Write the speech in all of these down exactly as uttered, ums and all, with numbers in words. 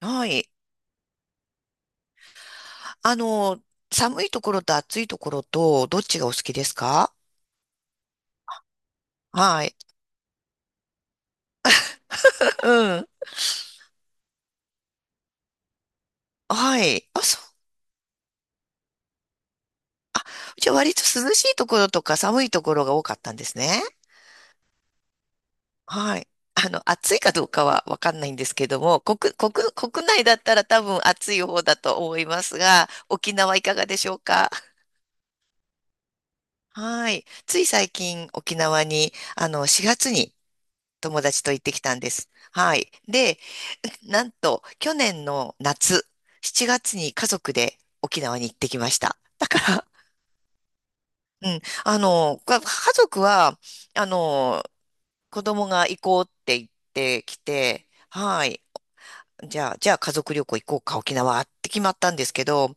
はい。あの、寒いところと暑いところと、どっちがお好きですか？はい。うん。はい。あ、そう。じゃあ割と涼しいところとか寒いところが多かったんですね。はい。あの、暑いかどうかはわかんないんですけども、国、国、国内だったら多分暑い方だと思いますが、沖縄いかがでしょうか？はい。つい最近沖縄に、あの、しがつに友達と行ってきたんです。はい。で、なんと、去年の夏、しちがつに家族で沖縄に行ってきました。だから、うん、あの、か家族は、あの、子供が行こうって言ってきて、はい、じゃあ、じゃあ家族旅行行こうか、沖縄って決まったんですけど、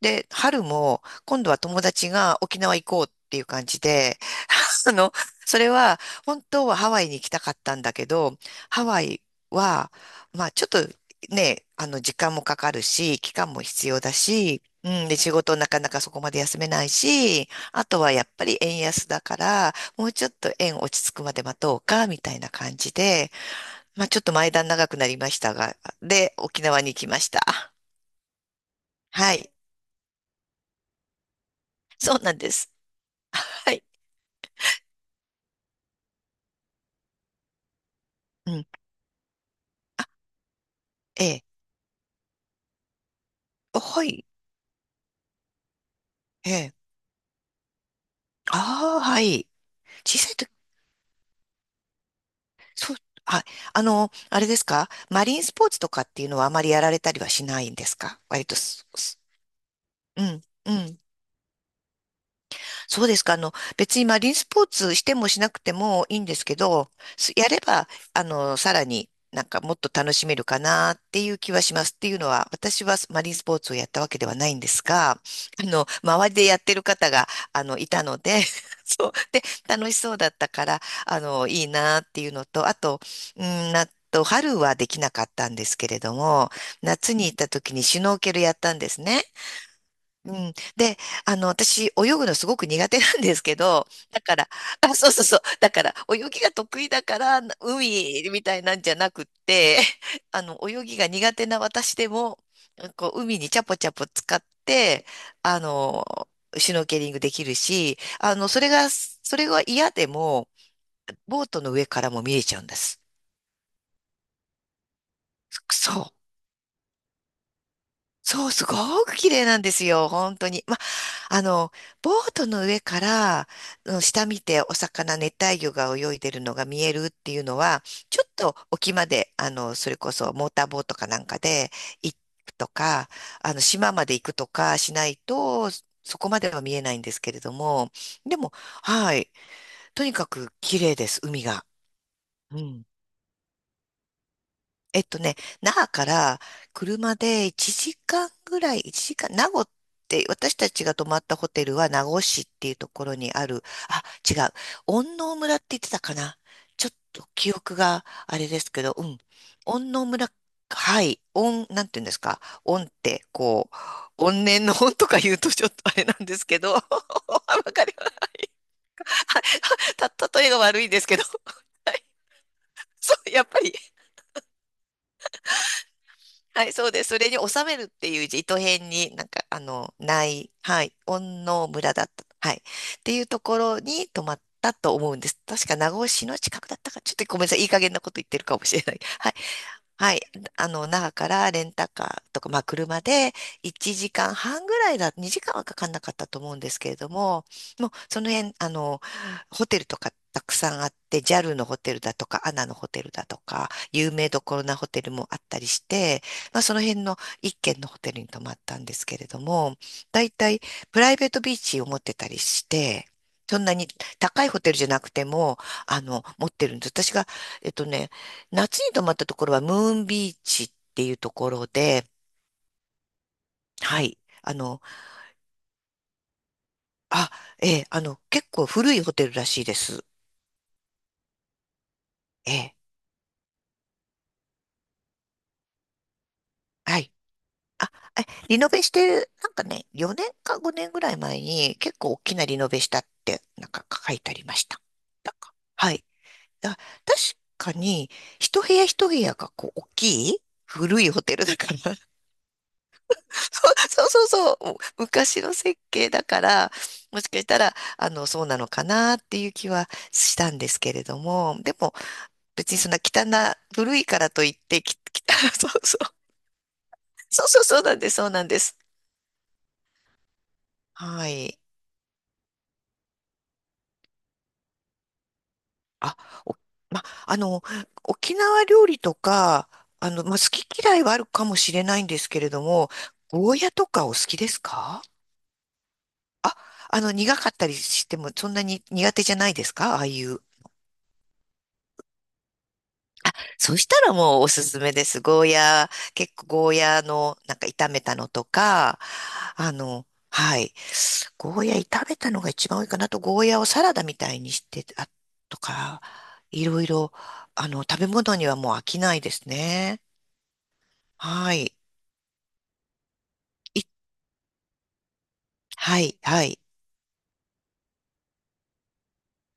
で、春も、今度は友達が沖縄行こうっていう感じで、あの、それは、本当はハワイに行きたかったんだけど、ハワイは、まあ、ちょっとね、あの、時間もかかるし、期間も必要だし、うん、で、仕事なかなかそこまで休めないし、あとはやっぱり円安だから、もうちょっと円落ち着くまで待とうか、みたいな感じで、まあ、ちょっと前段長くなりましたが、で、沖縄に行きました。はい。そうなんです。はい。うん。ええ。あはい。ええ。ああ、はい。小さい時、そう、はい。あの、あれですか？マリンスポーツとかっていうのはあまりやられたりはしないんですか？割とす、すうん、うん。そうですか。あの、別にマリンスポーツしてもしなくてもいいんですけど、すやれば、あの、さらになんかもっと楽しめるかなっていう気はします。っていうのは、私はマリンスポーツをやったわけではないんですが、あの、周りでやってる方が、あの、いたので、そう。で、楽しそうだったから、あの、いいなっていうのと、あと、うん、あと、春はできなかったんですけれども、夏に行った時にシュノーケルやったんですね。うん。で、あの、私、泳ぐのすごく苦手なんですけど、だから、あ、そうそうそう、だから、泳ぎが得意だから、海みたいなんじゃなくって、あの、泳ぎが苦手な私でも、こう、海にチャポチャポ使って、あの、シュノーケリングできるし、あの、それが、それが嫌でも、ボートの上からも見えちゃうんです。そう。そう、すごく綺麗なんですよ、本当に。ま、あの、ボートの上から、うん、下見てお魚、熱帯魚が泳いでるのが見えるっていうのは、ちょっと沖まで、あの、それこそモーターボートかなんかで行くとか、あの、島まで行くとかしないと、そこまでは見えないんですけれども、でも、はい、とにかく綺麗です、海が。うん。えっとね、那覇から車でいちじかんぐらい、いちじかん、名護って、私たちが泊まったホテルは名護市っていうところにある、あ、違う、恩納村って言ってたかな。ちょっと記憶があれですけど、うん。恩納村、はい、恩、なんて言うんですか。恩って、こう、怨念の恩とか言うとちょっとあれなんですけど、わかります。はい。 た、例えが悪いんですけど。はい。 そう、やっぱり、はい、そうです。それに収めるっていう字、糸辺に、なんか、あの、ない、はい、恩納村だった。はい。っていうところに泊まったと思うんです。確か名護市の近くだったか、ちょっとごめんなさい。いい加減なこと言ってるかもしれない。はい。はい。あの、那覇からレンタカーとか、まあ、車でいちじかんはんぐらいだ、にじかんはかかんなかったと思うんですけれども、もうその辺、あの、ホテルとかたくさんあって、ジャルのホテルだとか、アナのホテルだとか、有名どころなホテルもあったりして、まあ、その辺の一軒のホテルに泊まったんですけれども、だいたいプライベートビーチを持ってたりして、そんなに高いホテルじゃなくても、あの、持ってるんです。私が、えっとね、夏に泊まったところはムーンビーチっていうところで、はい。あの、あ、ええ、あの、結構古いホテルらしいです。ええ、はい。あ、え、リノベして、なんかね、よねんかごねんぐらい前に結構大きなリノベしたって、なんか書いてありました。なんか、はい。だ、確かに、一部屋一部屋がこう、大きい古いホテルだから、そう。 そうそうそう、昔の設計だから、もしかしたら、あの、そうなのかなっていう気はしたんですけれども、でも別にそんな汚な、古いからといって、き、き そうそう、そうそう、そうなんです、そうなんです。はい。あ、お、ま、あの、沖縄料理とか、あの、ま、好き嫌いはあるかもしれないんですけれども、ゴーヤとかお好きですか？あの、苦かったりしても、そんなに苦手じゃないですか？ああいうそしたらもうおすすめです。ゴーヤー、結構ゴーヤーのなんか炒めたのとか、あの、はい。ゴーヤー炒めたのが一番多いかなと、ゴーヤーをサラダみたいにして、あ、とか、いろいろ、あの、食べ物にはもう飽きないですね。はい。い、はい、はい、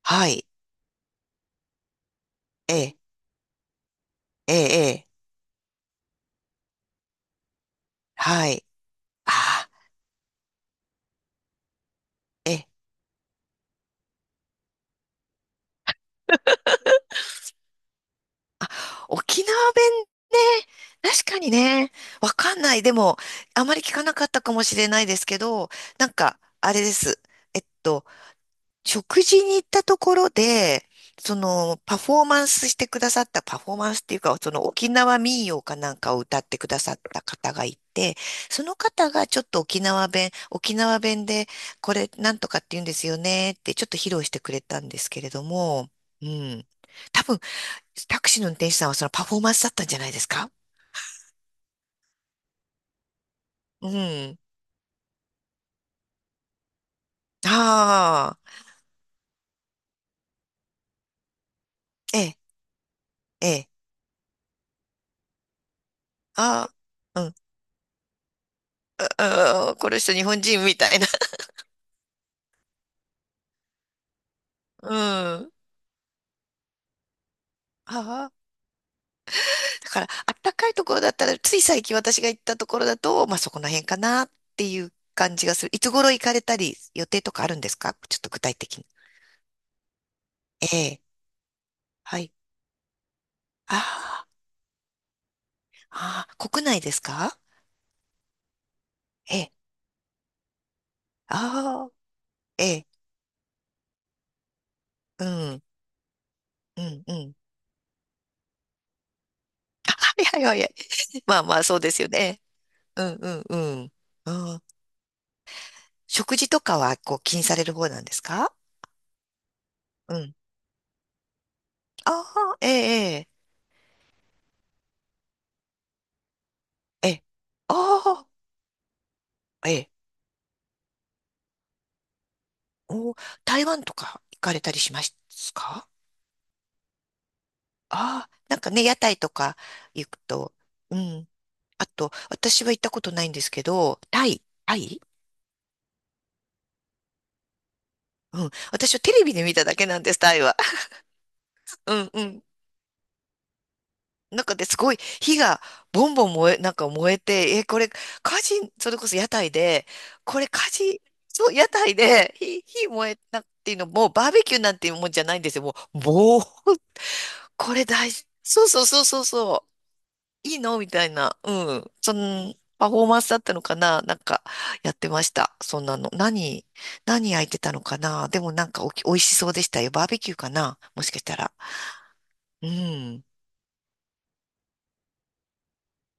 はい、ええ、ええ、ええ。はい。ああ、ええ、沖縄弁ね、確かにね、わかんない。でも、あまり聞かなかったかもしれないですけど、なんか、あれです。えっと、食事に行ったところで、その、パフォーマンスしてくださった、パフォーマンスっていうか、その沖縄民謡かなんかを歌ってくださった方がいて、その方がちょっと沖縄弁、沖縄弁で、これなんとかって言うんですよねって、ちょっと披露してくれたんですけれども、うん。多分タクシーの運転手さんはそのパフォーマンスだったんじゃないですか？うん。ああ、ええ、ええ、ああ、うん、ああ、この人日本人みたいな。うん。ああ、だから、あったかいところだったら、つい最近私が行ったところだと、まあそこの辺かなっていう感じがする。いつ頃行かれたり、予定とかあるんですか、ちょっと具体的に。ええ、はい。ああ、ああ、国内ですか？ええ、ああ、ええ、うん、うん、うん。はいはいはいはい。まあまあ、そうですよね。うんうんうん。あー食事とかはこう気にされる方なんですか？うん。ああ、ええ、ええ、ええ。ああ、ええ。お台湾とか行かれたりしますか？ああ、なんかね、屋台とか行くと、うん。あと、私は行ったことないんですけど、タイ、タイ。うん。私はテレビで見ただけなんです、タイは。うんうん。なんかですごい火がボンボン燃え、なんか燃えて、え、これ火事、それこそ屋台で、これ火事、そう、屋台で火、火燃えなっていうのも、バーベキューなんていうもんじゃないんですよ。もう、ぼー、これ大事。そうそうそうそうそう。いいのみたいな。うん。その、パフォーマンスだったのかな、なんか、やってました。そんなの。何、何焼いてたのかな、でもなんかおき、美味しそうでしたよ。バーベキューかな、もしかしたら。うん。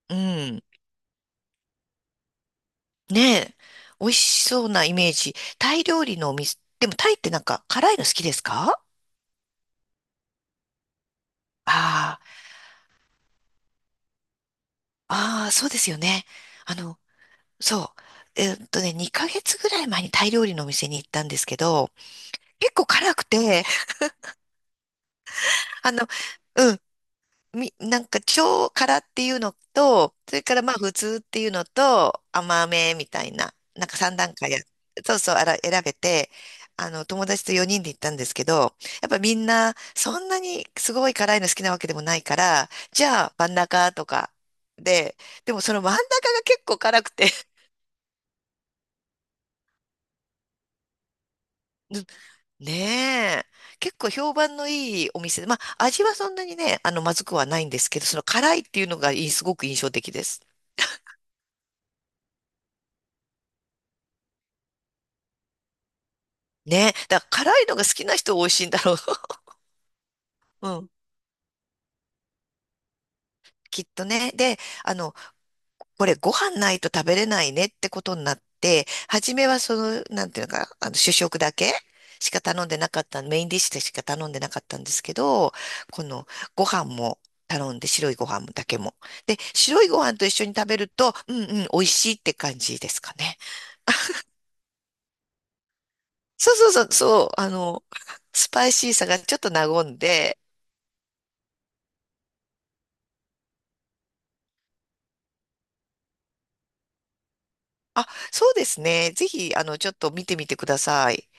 うん。ねえ、美味しそうなイメージ。タイ料理のお店、でもタイってなんか辛いの好きですか？ああ、ああ、そうですよね。あの、そう。えーっとね、にかげつぐらい前にタイ料理のお店に行ったんですけど、結構辛くて、あの、うん、み、なんか超辛っていうのと、それからまあ普通っていうのと甘めみたいな、なんかさん段階や、そうそう、あら、選べて、あの、友達とよにんで行ったんですけど、やっぱみんなそんなにすごい辛いの好きなわけでもないから、じゃあ真ん中とかで、でもその真ん中が結構辛くて。 ねえ、結構評判のいいお店で、まあ味はそんなにね、あの、まずくはないんですけど、その辛いっていうのがいい、すごく印象的です。ね。だから辛いのが好きな人は美味しいんだろう。うん。きっとね。で、あの、これご飯ないと食べれないねってことになって、初めはその、なんていうのか、あの、主食だけしか頼んでなかった、メインディッシュでしか頼んでなかったんですけど、このご飯も頼んで、白いご飯だけも。で、白いご飯と一緒に食べると、うんうん、美味しいって感じですかね。そうそうそう、そう、あの、スパイシーさがちょっと和んで、あ、そうですね。ぜひ、あの、ちょっと見てみてください。